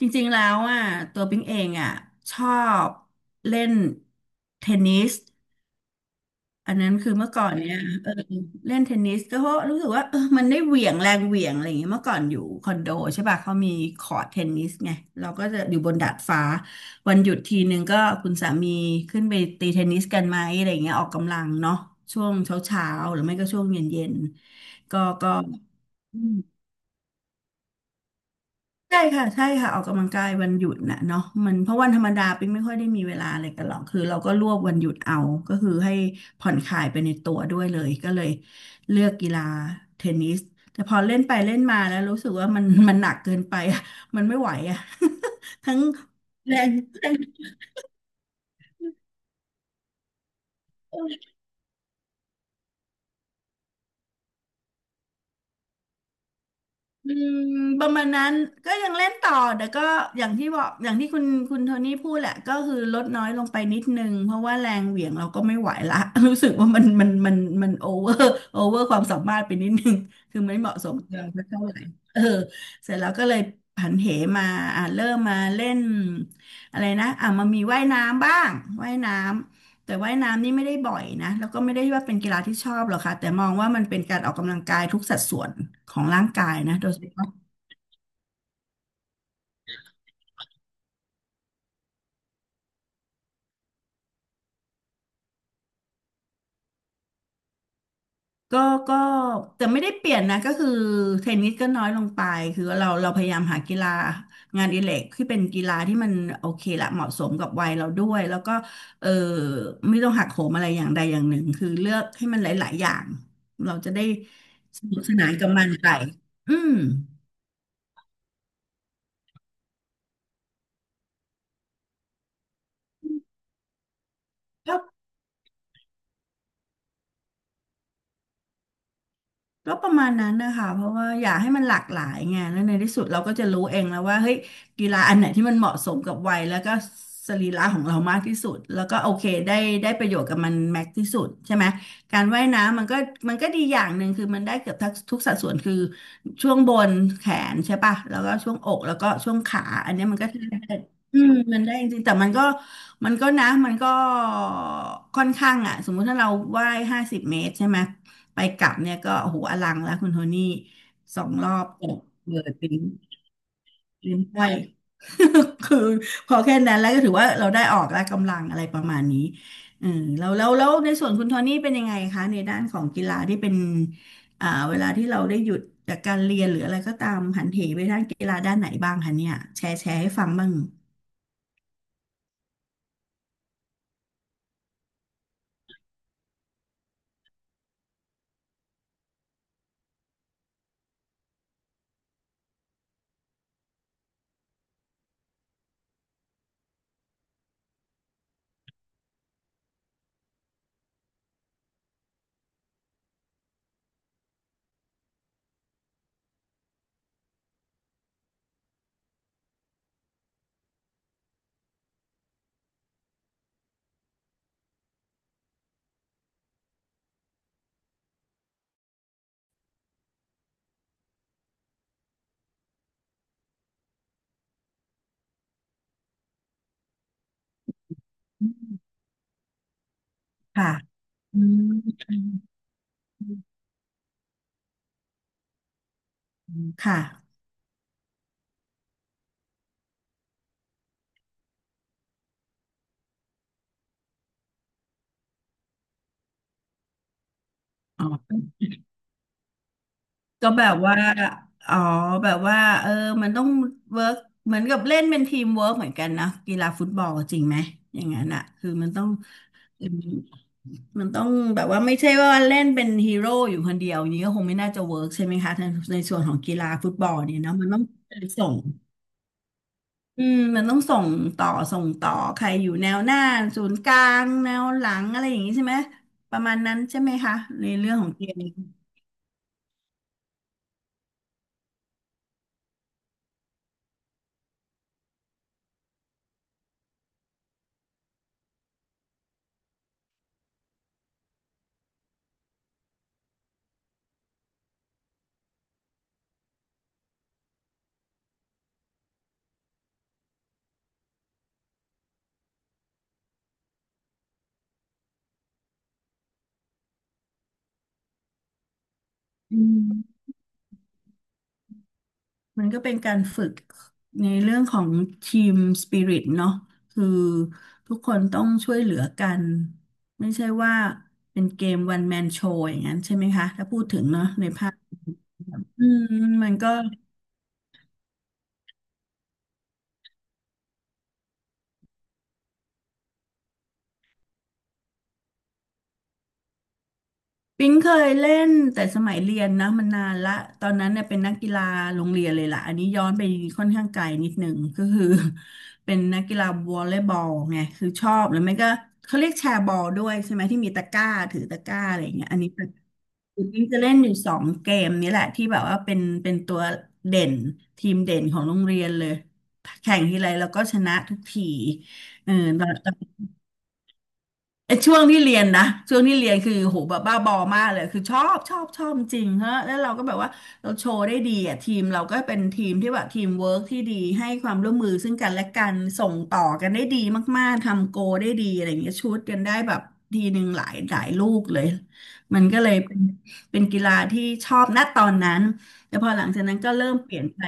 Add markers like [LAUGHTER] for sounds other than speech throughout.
จริงๆ แล้วอ่ะตัวปิ๊งเองอ่ะชอบเล่นเทนนิสอันนั้นคือเมื่อก่อนเนี่ยเออเล่นเทนนิสก็เพราะรู้สึกว่ามันได้เหวี่ยงแรงเหวี่ยงอะไรอย่างเงี้ยเมื่อก่อนอยู่คอนโดใช่ป่ะเขามีคอร์ตเทนนิสไงเราก็จะอยู่บนดาดฟ้าวันหยุดทีนึงก็คุณสามีขึ้นไปตีเทนนิสกันไหมอะไรอย่างเงี้ยออกกำลังเนาะช่วงเช้าๆหรือไม่ก็ช่วงเย็นๆก็ ใช่ค่ะใช่ค่ะออกกำลังกายวันหยุดน่ะเนาะมันเพราะวันธรรมดาปิ๊งไม่ค่อยได้มีเวลาอะไรกันหรอกคือเราก็รวบวันหยุดเอาก็คือให้ผ่อนคลายไปในตัวด้วยเลยก็เลยเลือกกีฬาเทนนิสแต่พอเล่นไปเล่นมาแล้วรู้สึกว่ามันหนักเกินไปอะมันไม่ไหวอะ [LAUGHS] ทั้งแรงแรง อืมประมาณนั้นก็ยังเล่นต่อแต่ก็อย่างที่บอกอย่างที่คุณโทนี่พูดแหละก็คือลดน้อยลงไปนิดนึงเพราะว่าแรงเหวี่ยงเราก็ไม่ไหวละ [LAUGHS] รู้สึกว่ามันโอเวอร์ [LAUGHS] ความสามารถไปนิดนึงคือไม่เหมาะสมกับเราสักเท่าไหร่เออเสร็จแล้วก็เลยผันเหมาเริ่มมาเล่นอะไรนะมามีว่ายน้ำบ้างว่ายน้ำ แต่ว่ายน้ำนี่ไม่ได้บ่อยนะแล้วก็ไม่ได้ว่าเป็นกีฬาที่ชอบหรอกค่ะแต่มองว่ามันเป็นการออกกำลังกายทุกสัดส่วนของร่างกายนะโดยเฉพาะก็ก็แต่ไม่ได้เปลี่ยนนะก็คือเทนนิสก็น้อยลงไปคือเราพยายามหากีฬางานอดิเรกที่เป็นกีฬาที่มันโอเคละเหมาะสมกับวัยเราด้วยแล้วก็เออไม่ต้องหักโหมอะไรอย่างใดอย่างหนึ่งคือเลือกให้มันหลายๆอย่างเราจะได้สนุกสนานกับมันไปอืม ก็ประมาณนั้นนะคะเพราะว่าอยากให้มันหลากหลายไงแล้วในที่สุดเราก็จะรู้เองแล้วว่าเฮ้ยกีฬาอันไหนที่มันเหมาะสมกับวัยแล้วก็สรีระของเรามากที่สุดแล้วก็โอเคได้ประโยชน์กับมันแม็กที่สุดใช่ไหมการว่ายน้ำมันก็มันก็ดีอย่างหนึ่งคือมันได้เกือบทั้งทุกสัดส่วนคือช่วงบนแขนใช่ป่ะแล้วก็ช่วงอกแล้วก็ช่วงขาอันเนี้ยมันก็ใช้ได้มันได้จริงๆแต่มันก็ค่อนข้างอ่ะสมมุติถ้าเราว่าย50 เมตรใช่ไหม ไปกลับเนี่ยก็โอ้โหอลังแล้วคุณโทนี่สองรอบจเกิดลิ้นห้อย [LAUGHS] คือพอแค่นั้นแล้วก็ถือว่าเราได้ออกแล้วกำลังอะไรประมาณนี้เออแล้วในส่วนคุณโทนี่เป็นยังไงคะในด้านของกีฬาที่เป็นเวลาที่เราได้หยุดจากการเรียนหรืออะไรก็ตามหันเหไปด้านกีฬาด้านไหนบ้างคะเนี่ยแชร์ให้ฟังบ้างค่ะอืมค่ะอ๋อ ก็แบบว่าอ๋อแบบว่าเออมันต้องเวิร์กเหมือนกับเล่นเป็นทีมเวิร์กเหมือนกันนะกีฬาฟุตบอลจริงไหมอย่างนั้นอ่ะคือมันต้องแบบว่าไม่ใช่ว่าเล่นเป็นฮีโร่อยู่คนเดียวอย่างนี้ก็คงไม่น่าจะเวิร์กใช่ไหมคะในส่วนของกีฬาฟุตบอลเนี่ยเนาะมันต้องส่งอืมมันต้องส่งต่อส่งต่อใครอยู่แนวหน้าศูนย์กลางแนวหลังอะไรอย่างนี้ใช่ไหมประมาณนั้นใช่ไหมคะในเรื่องของเกมอืม มันก็เป็นการฝึกในเรื่องของทีมสปิริตเนาะคือทุกคนต้องช่วยเหลือกันไม่ใช่ว่าเป็นเกมวันแมนโชว์อย่างนั้นใช่ไหมคะถ้าพูดถึงเนาะในภาพอืมมันก็ ปิ๊งเคยเล่นแต่สมัยเรียนนะมันนานละตอนนั้นเนี่ยเป็นนักกีฬาโรงเรียนเลยล่ะอันนี้ย้อนไปค่อนข้างไกลนิดหนึ่งก็คือ [LAUGHS] เป็นนักกีฬาวอลเลย์บอลไงคือชอบแล้วไม่ก็เขาเรียกแชร์บอลด้วยใช่ไหมที่มีตะกร้าถือตะกร้าอะไรอย่างเงี้ยอันนี้เป็นปิ๊งจะเล่นอยู่สองเกมนี้แหละที่แบบว่าเป็นตัวเด่นทีมเด่นของโรงเรียนเลยแข่งทีไรเราก็ชนะทุกทีเออ ไอ้ช่วงที่เรียนนะช่วงที่เรียนคือโหแบบบ้าบอมากเลยคือชอบจริงฮะแล้วเราก็แบบว่าเราโชว์ได้ดีอ่ะทีมเราก็เป็นทีมที่แบบทีมเวิร์กที่ดีให้ความร่วมมือซึ่งกันและกันส่งต่อกันได้ดีมากๆทำโกลได้ดีอะไรอย่างเงี้ยชุดกันได้แบบทีหนึ่งหลายลูกเลยมันก็เลยเป็นกีฬาที่ชอบณตอนนั้นแต่พอหลังจากนั้นก็เริ่มเปลี่ยนไป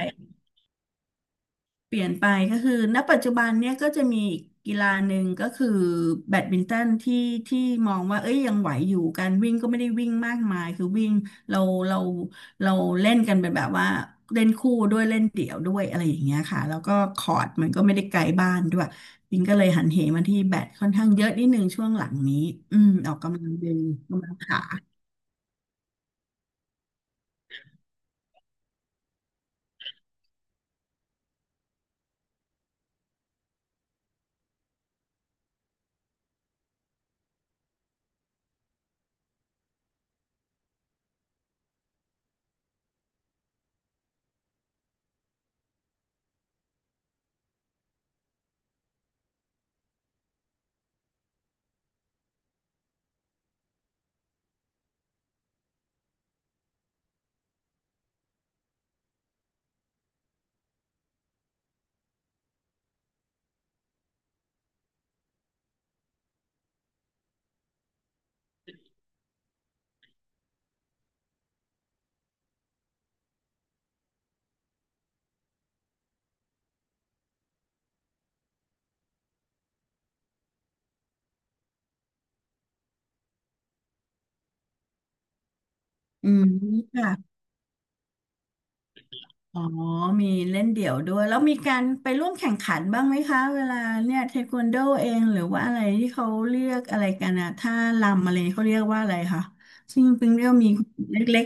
เปลี่ยนไปก็คือณปัจจุบันเนี่ยก็จะมีอีกกีฬาหนึ่งก็คือแบดมินตันที่มองว่าเอ้ยยังไหวอยู่การวิ่งก็ไม่ได้วิ่งมากมายคือวิ่งเราเราเราเล่นกันเป็นแบบว่าเล่นคู่ด้วยเล่นเดี่ยวด้วยอะไรอย่างเงี้ยค่ะแล้วก็คอร์ตมันก็ไม่ได้ไกลบ้านด้วยปิงก็เลยหันเหมาที่แบดค่อนข้างเยอะนิดนึงช่วงหลังนี้อืมออกกำลังดึงกำลังขาอืมค่ะ อ๋อ มีเล่นเดี่ยวด้วยแล้วมีการไปร่วมแข่งขันบ้างไหมคะ เวลาเนี่ยเทควันโดเองหรือว่าอะไรที่เขาเรียกอะไรกันอะท่ารำอะไรเขาเรียกว่าอะไรคะซึ่งเพิ่งเรียกว่ามีเล็ก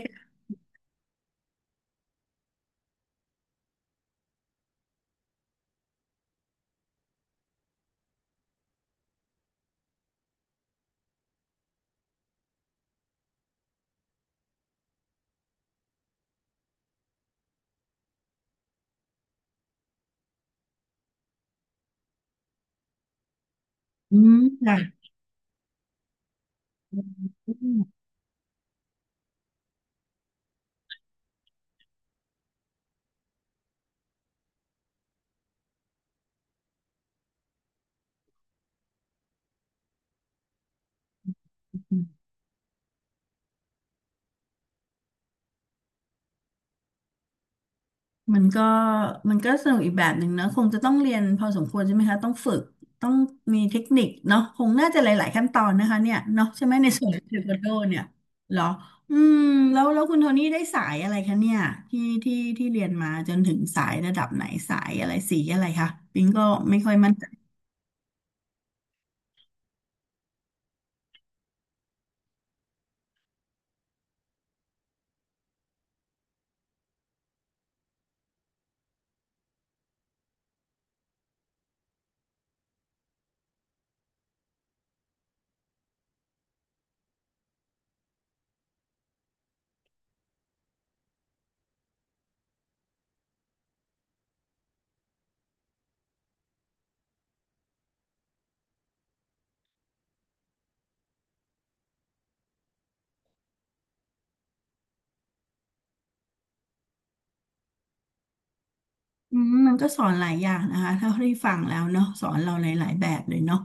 ๆอืมค่ะ มันก็มันก็สนุกอีกแบบหนึ่งนะคงจะต้องเรียนพอสมควรใช่ไหมคะต้องฝึกต้องมีเทคนิคเนาะคงน่าจะหลายๆขั้นตอนนะคะเนี่ยเนาะใช่ไหมในส่วนของเทควันโดเนี่ยเหรออืมแล้วคุณโทนี่ได้สายอะไรคะเนี่ยที่เรียนมาจนถึงสายระดับไหนสายอะไรสีอะไรคะปิงก็ไม่ค่อยมั่นใจอืมมันก็สอนหลายอย่างนะคะเท่าที่ฟังแล้วเนาะสอนเราหลายๆแบบเลยเนาะ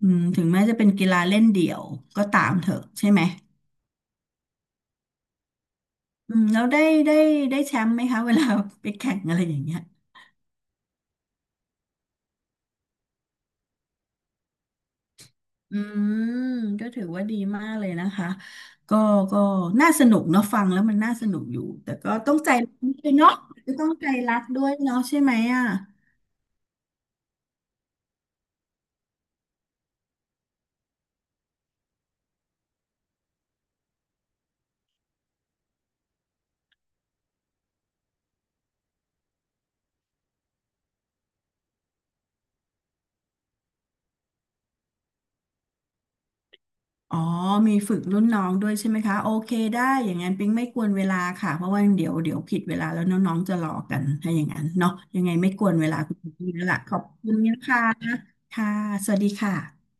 อืมถึงแม้จะเป็นกีฬาเล่นเดี่ยวก็ตามเถอะใช่ไหม อืมแล้วได้ได้แชมป์ไหมคะเวลาไปแข่งอะไรอย่างเงี้ยอืมก็ถือว่าดีมากเลยนะคะก็ก็น่าสนุกเนาะฟังแล้วมันน่าสนุกอยู่แต่ก็ต้องใจรักด้วยเนาะกต้องใจรักด้วยเนาะใช่ไหมอ่ะอ๋อมีฝึกรุ่นน้องด้วยใช่ไหมคะโอเคได้อย่างนั้นปิ๊งไม่กวนเวลาค่ะเพราะว่าเดี๋ยวผิดเวลาแล้วน้องๆจะรอกันถ้าอย่างนั้นเนาะยังไงไม่กวนเวลาคุณพี่แล้วล่ะขอบคุณนะคะค่ะสวัสดีค่ะ